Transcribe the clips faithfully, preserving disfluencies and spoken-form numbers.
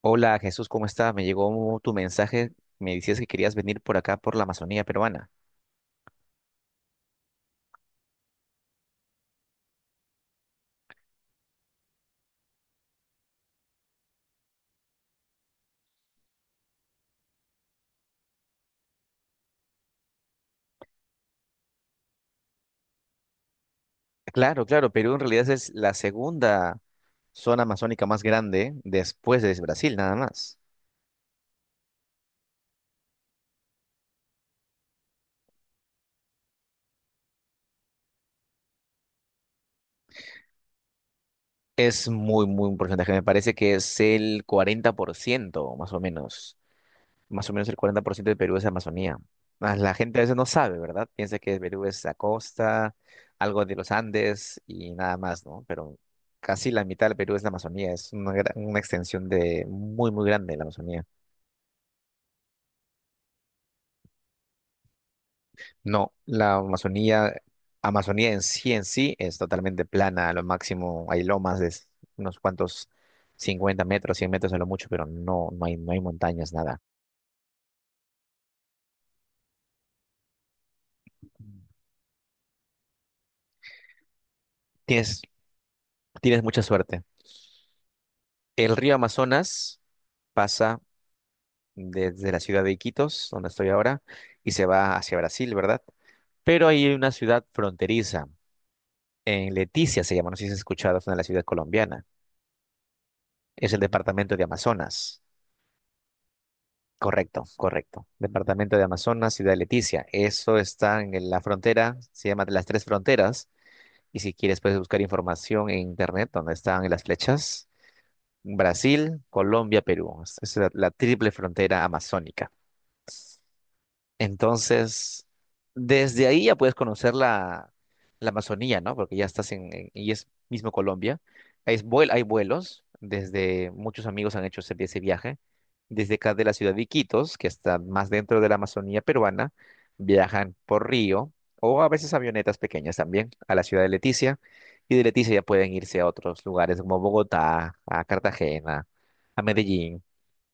Hola Jesús, ¿cómo estás? Me llegó tu mensaje, me decías que querías venir por acá, por la Amazonía peruana. Claro, claro, Perú en realidad es la segunda zona amazónica más grande después de Brasil, nada más. Es muy, muy un porcentaje, me parece que es el cuarenta por ciento más o menos. Más o menos el cuarenta por ciento de Perú es Amazonía. Mas la gente a veces no sabe, ¿verdad? Piensa que Perú es la costa, algo de los Andes y nada más, ¿no? Pero casi la mitad del Perú es la Amazonía, es una, gra- una extensión de muy, muy grande de la Amazonía. No, la Amazonía, Amazonía en sí en sí es totalmente plana, a lo máximo hay lomas de unos cuantos cincuenta metros, cien metros a lo mucho, pero no, no hay, no hay montañas, nada. Tienes, tienes mucha suerte. El río Amazonas pasa desde la ciudad de Iquitos, donde estoy ahora, y se va hacia Brasil, ¿verdad? Pero hay una ciudad fronteriza, en Leticia se llama, no sé si has escuchado, es una de las ciudades colombianas, es el departamento de Amazonas. Correcto, correcto. Departamento de Amazonas, ciudad de Leticia. Eso está en la frontera, se llama de las tres fronteras, y si quieres puedes buscar información en internet donde están las flechas. Brasil, Colombia, Perú. Esa es la la triple frontera amazónica. Entonces, desde ahí ya puedes conocer la, la Amazonía, ¿no? Porque ya estás en, en- y es mismo Colombia. Hay, vuel- hay vuelos, desde muchos amigos han hecho ese, ese viaje. Desde acá de la ciudad de Iquitos, que está más dentro de la Amazonía peruana, viajan por río o a veces avionetas pequeñas también a la ciudad de Leticia. Y de Leticia ya pueden irse a otros lugares como Bogotá, a Cartagena, a Medellín.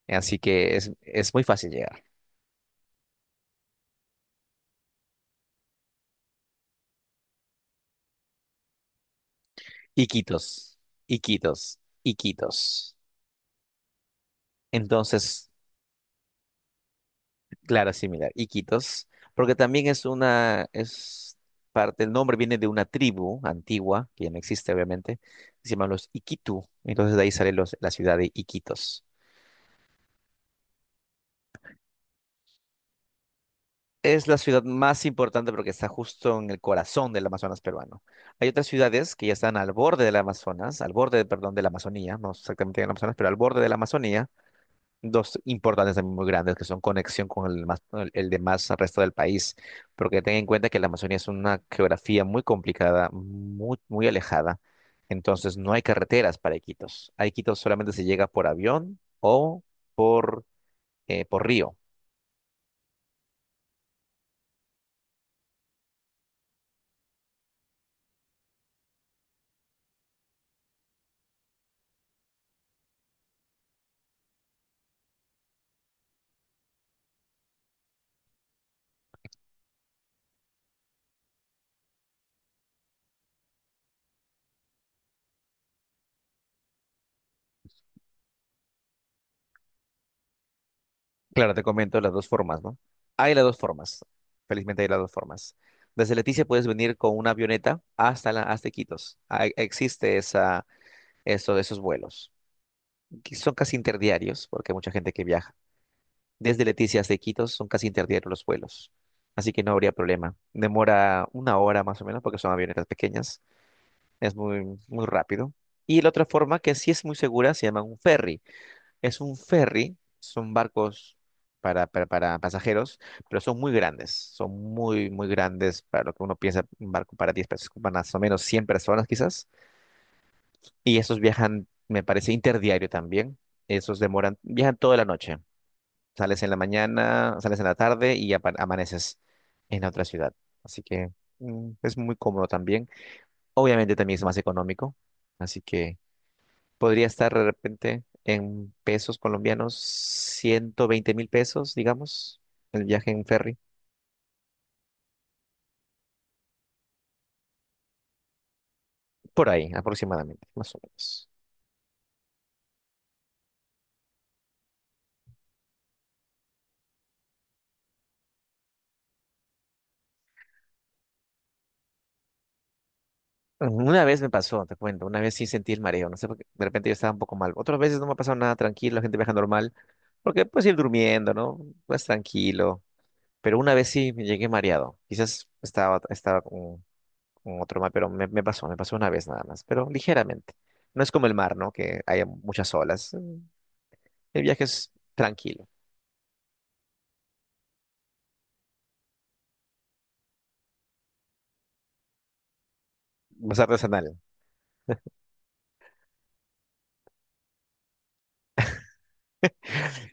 Así que es, es muy fácil llegar. Iquitos, Iquitos, Iquitos. Entonces, claro, similar, Iquitos, porque también es una, es parte, el nombre viene de una tribu antigua, que ya no existe obviamente, que se llaman los Iquitu, entonces de ahí sale los- la ciudad de Iquitos. Es la ciudad más importante porque está justo en el corazón del Amazonas peruano. Hay otras ciudades que ya están al borde del Amazonas, al borde, perdón, de la Amazonía, no exactamente en el Amazonas, pero al borde de la Amazonía, dos importantes también muy grandes que son conexión con el, más, el, el demás resto del país, porque ten en cuenta que la Amazonía es una geografía muy complicada, muy, muy alejada, entonces no hay carreteras para Iquitos. A Iquitos solamente se llega por avión o por, eh, por río. Claro, te comento las dos formas, ¿no? Hay las dos formas, felizmente hay las dos formas. Desde Leticia puedes venir con una avioneta hasta, la, hasta Iquitos. Ah, existe esa, eso, esos vuelos que son casi interdiarios, porque hay mucha gente que viaja desde Leticia hasta Iquitos son casi interdiarios los vuelos, así que no habría problema. Demora una hora más o menos porque son avionetas pequeñas, es muy, muy rápido. Y la otra forma que sí es muy segura se llama un ferry. Es un ferry, son barcos para, para, para pasajeros, pero son muy grandes, son muy, muy grandes para lo que uno piensa, un barco para diez personas, más o menos cien personas quizás. Y esos viajan, me parece, interdiario también. Esos demoran, viajan toda la noche. Sales en la mañana, sales en la tarde y apa- amaneces en otra ciudad. Así que mm, es muy cómodo también. Obviamente también es más económico. Así que podría estar de repente en pesos colombianos, ciento veinte mil pesos, digamos, el viaje en ferry. Por ahí, aproximadamente, más o menos. Una vez me pasó, te cuento, una vez sí sentí el mareo, no sé por qué, de repente yo estaba un poco mal. Otras veces no me ha pasado nada tranquilo, la gente viaja normal, porque puedes ir durmiendo, ¿no? Vas tranquilo. Pero una vez sí me llegué mareado. Quizás estaba, estaba con, con, otro mar, pero me, me pasó, me pasó una vez nada más, pero ligeramente. No es como el mar, ¿no? Que hay muchas olas. Mm. El viaje es tranquilo, más artesanal.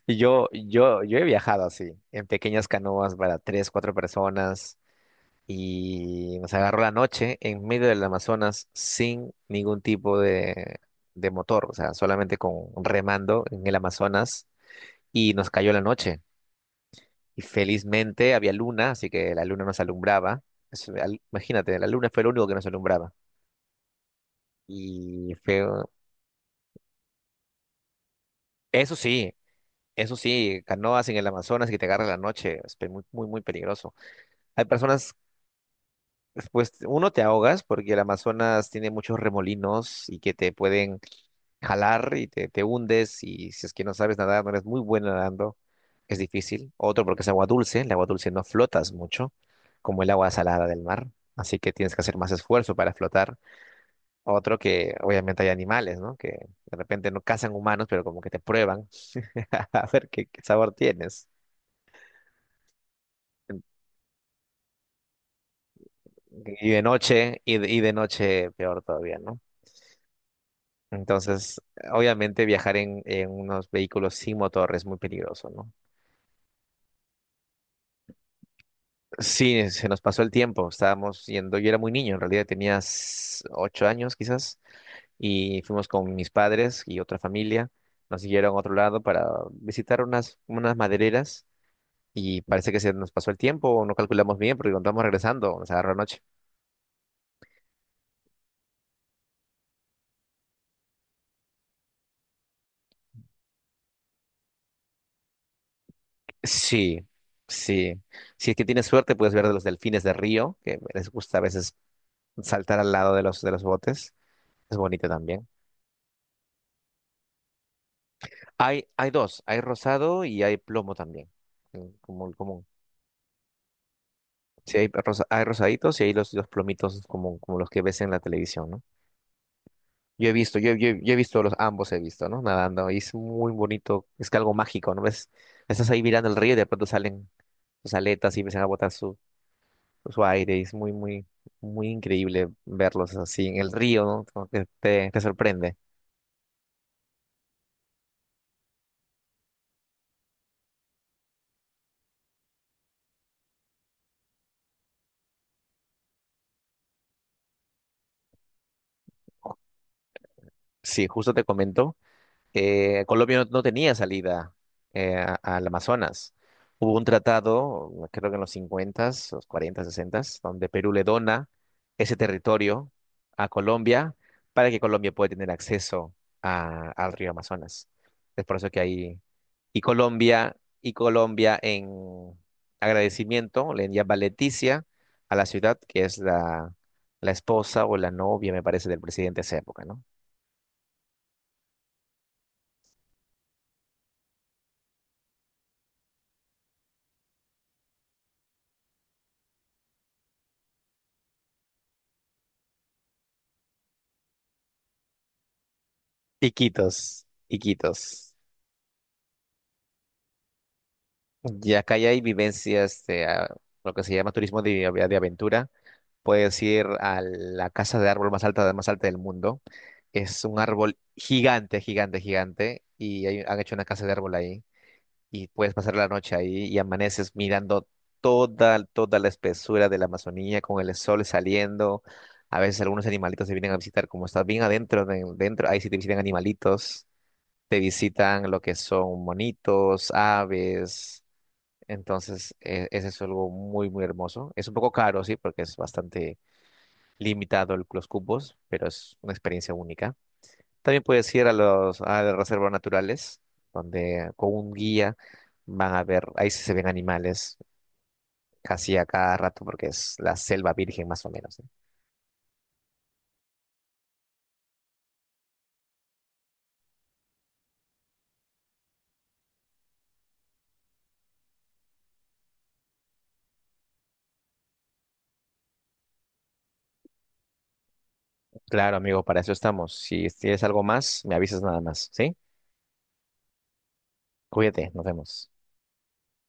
Y yo, yo, yo he viajado así, en pequeñas canoas para tres, cuatro personas. Y nos agarró la noche en medio del Amazonas sin ningún tipo de, de motor, o sea, solamente con remando en el Amazonas y nos cayó la noche. Y felizmente había luna, así que la luna nos alumbraba. Eso, al- imagínate, la luna fue lo único que nos alumbraba. Y fue, eso sí, eso sí, canoas en el Amazonas que te agarra la noche, es pe- muy, muy, muy peligroso. Hay personas. Pues uno te ahogas porque el Amazonas tiene muchos remolinos y que te pueden jalar y te, te hundes y si es que no sabes nadar, no eres muy bueno nadando, es difícil. Otro porque es agua dulce, el agua dulce no flotas mucho, como el agua salada del mar, así que tienes que hacer más esfuerzo para flotar. Otro que obviamente hay animales, ¿no? Que de repente no cazan humanos, pero como que te prueban a ver qué, qué sabor tienes. Y de noche, y de, y de noche peor todavía, ¿no? Entonces, obviamente viajar en, en unos vehículos sin motor es muy peligroso, ¿no? Sí, se nos pasó el tiempo, estábamos yendo, yo era muy niño, en realidad tenía s- ocho años quizás, y fuimos con mis padres y otra familia, nos siguieron a otro lado para visitar unas, unas madereras y parece que se nos pasó el tiempo, o no calculamos bien porque cuando estamos regresando nos agarró la noche. Sí, sí, si es que tienes suerte puedes ver de los delfines de río, que les gusta a veces saltar al lado de los, de los botes. Es bonita también. Hay, hay dos, hay rosado y hay plomo también, el- como el común. Sí, hay, rosa- hay rosaditos y hay los, los plomitos como, como los que ves en la televisión, ¿no? Yo he visto, yo, yo, yo he visto los ambos, he visto, ¿no? Nadando, y es muy bonito, es que algo mágico, ¿no? Ves, estás ahí mirando el río y de pronto salen sus aletas y empiezan a botar su, su aire, y es muy, muy, muy increíble verlos así en el río, ¿no? Como que te, te sorprende. Sí, justo te comento. eh, Colombia no, no tenía salida eh, a- al Amazonas. Hubo un tratado, creo que en los cincuenta los cuarentas, donde Perú le dona ese territorio a Colombia para que Colombia pueda tener acceso a- al río Amazonas. Es por eso que ahí, y Colombia, y Colombia en agradecimiento le llama Leticia a la ciudad, que es la, la esposa o la novia, me parece, del presidente de esa época, ¿no? Iquitos, Iquitos. Ya acá ya hay vivencias de ah, lo que se llama turismo de, av- de aventura. Puedes ir a la casa de árbol más alta, más alta del mundo. Es un árbol gigante, gigante, gigante. Y hay- han hecho una casa de árbol ahí. Y puedes pasar la noche ahí y amaneces mirando toda, toda la espesura de la Amazonía con el sol saliendo. A veces algunos animalitos se vienen a visitar. Como estás bien adentro, de- dentro, ahí sí te visitan animalitos. Te visitan lo que son monitos, aves. Entonces, eh, ese es algo muy, muy hermoso. Es un poco caro, sí, porque es bastante limitado el- los cubos, pero es una experiencia única. También puedes ir a los a las reservas naturales, donde con un guía van a ver, ahí sí se ven animales casi a cada rato, porque es la selva virgen más o menos, ¿sí? Claro, amigo, para eso estamos. Si tienes algo más, me avisas nada más, ¿sí? Cuídate, nos vemos.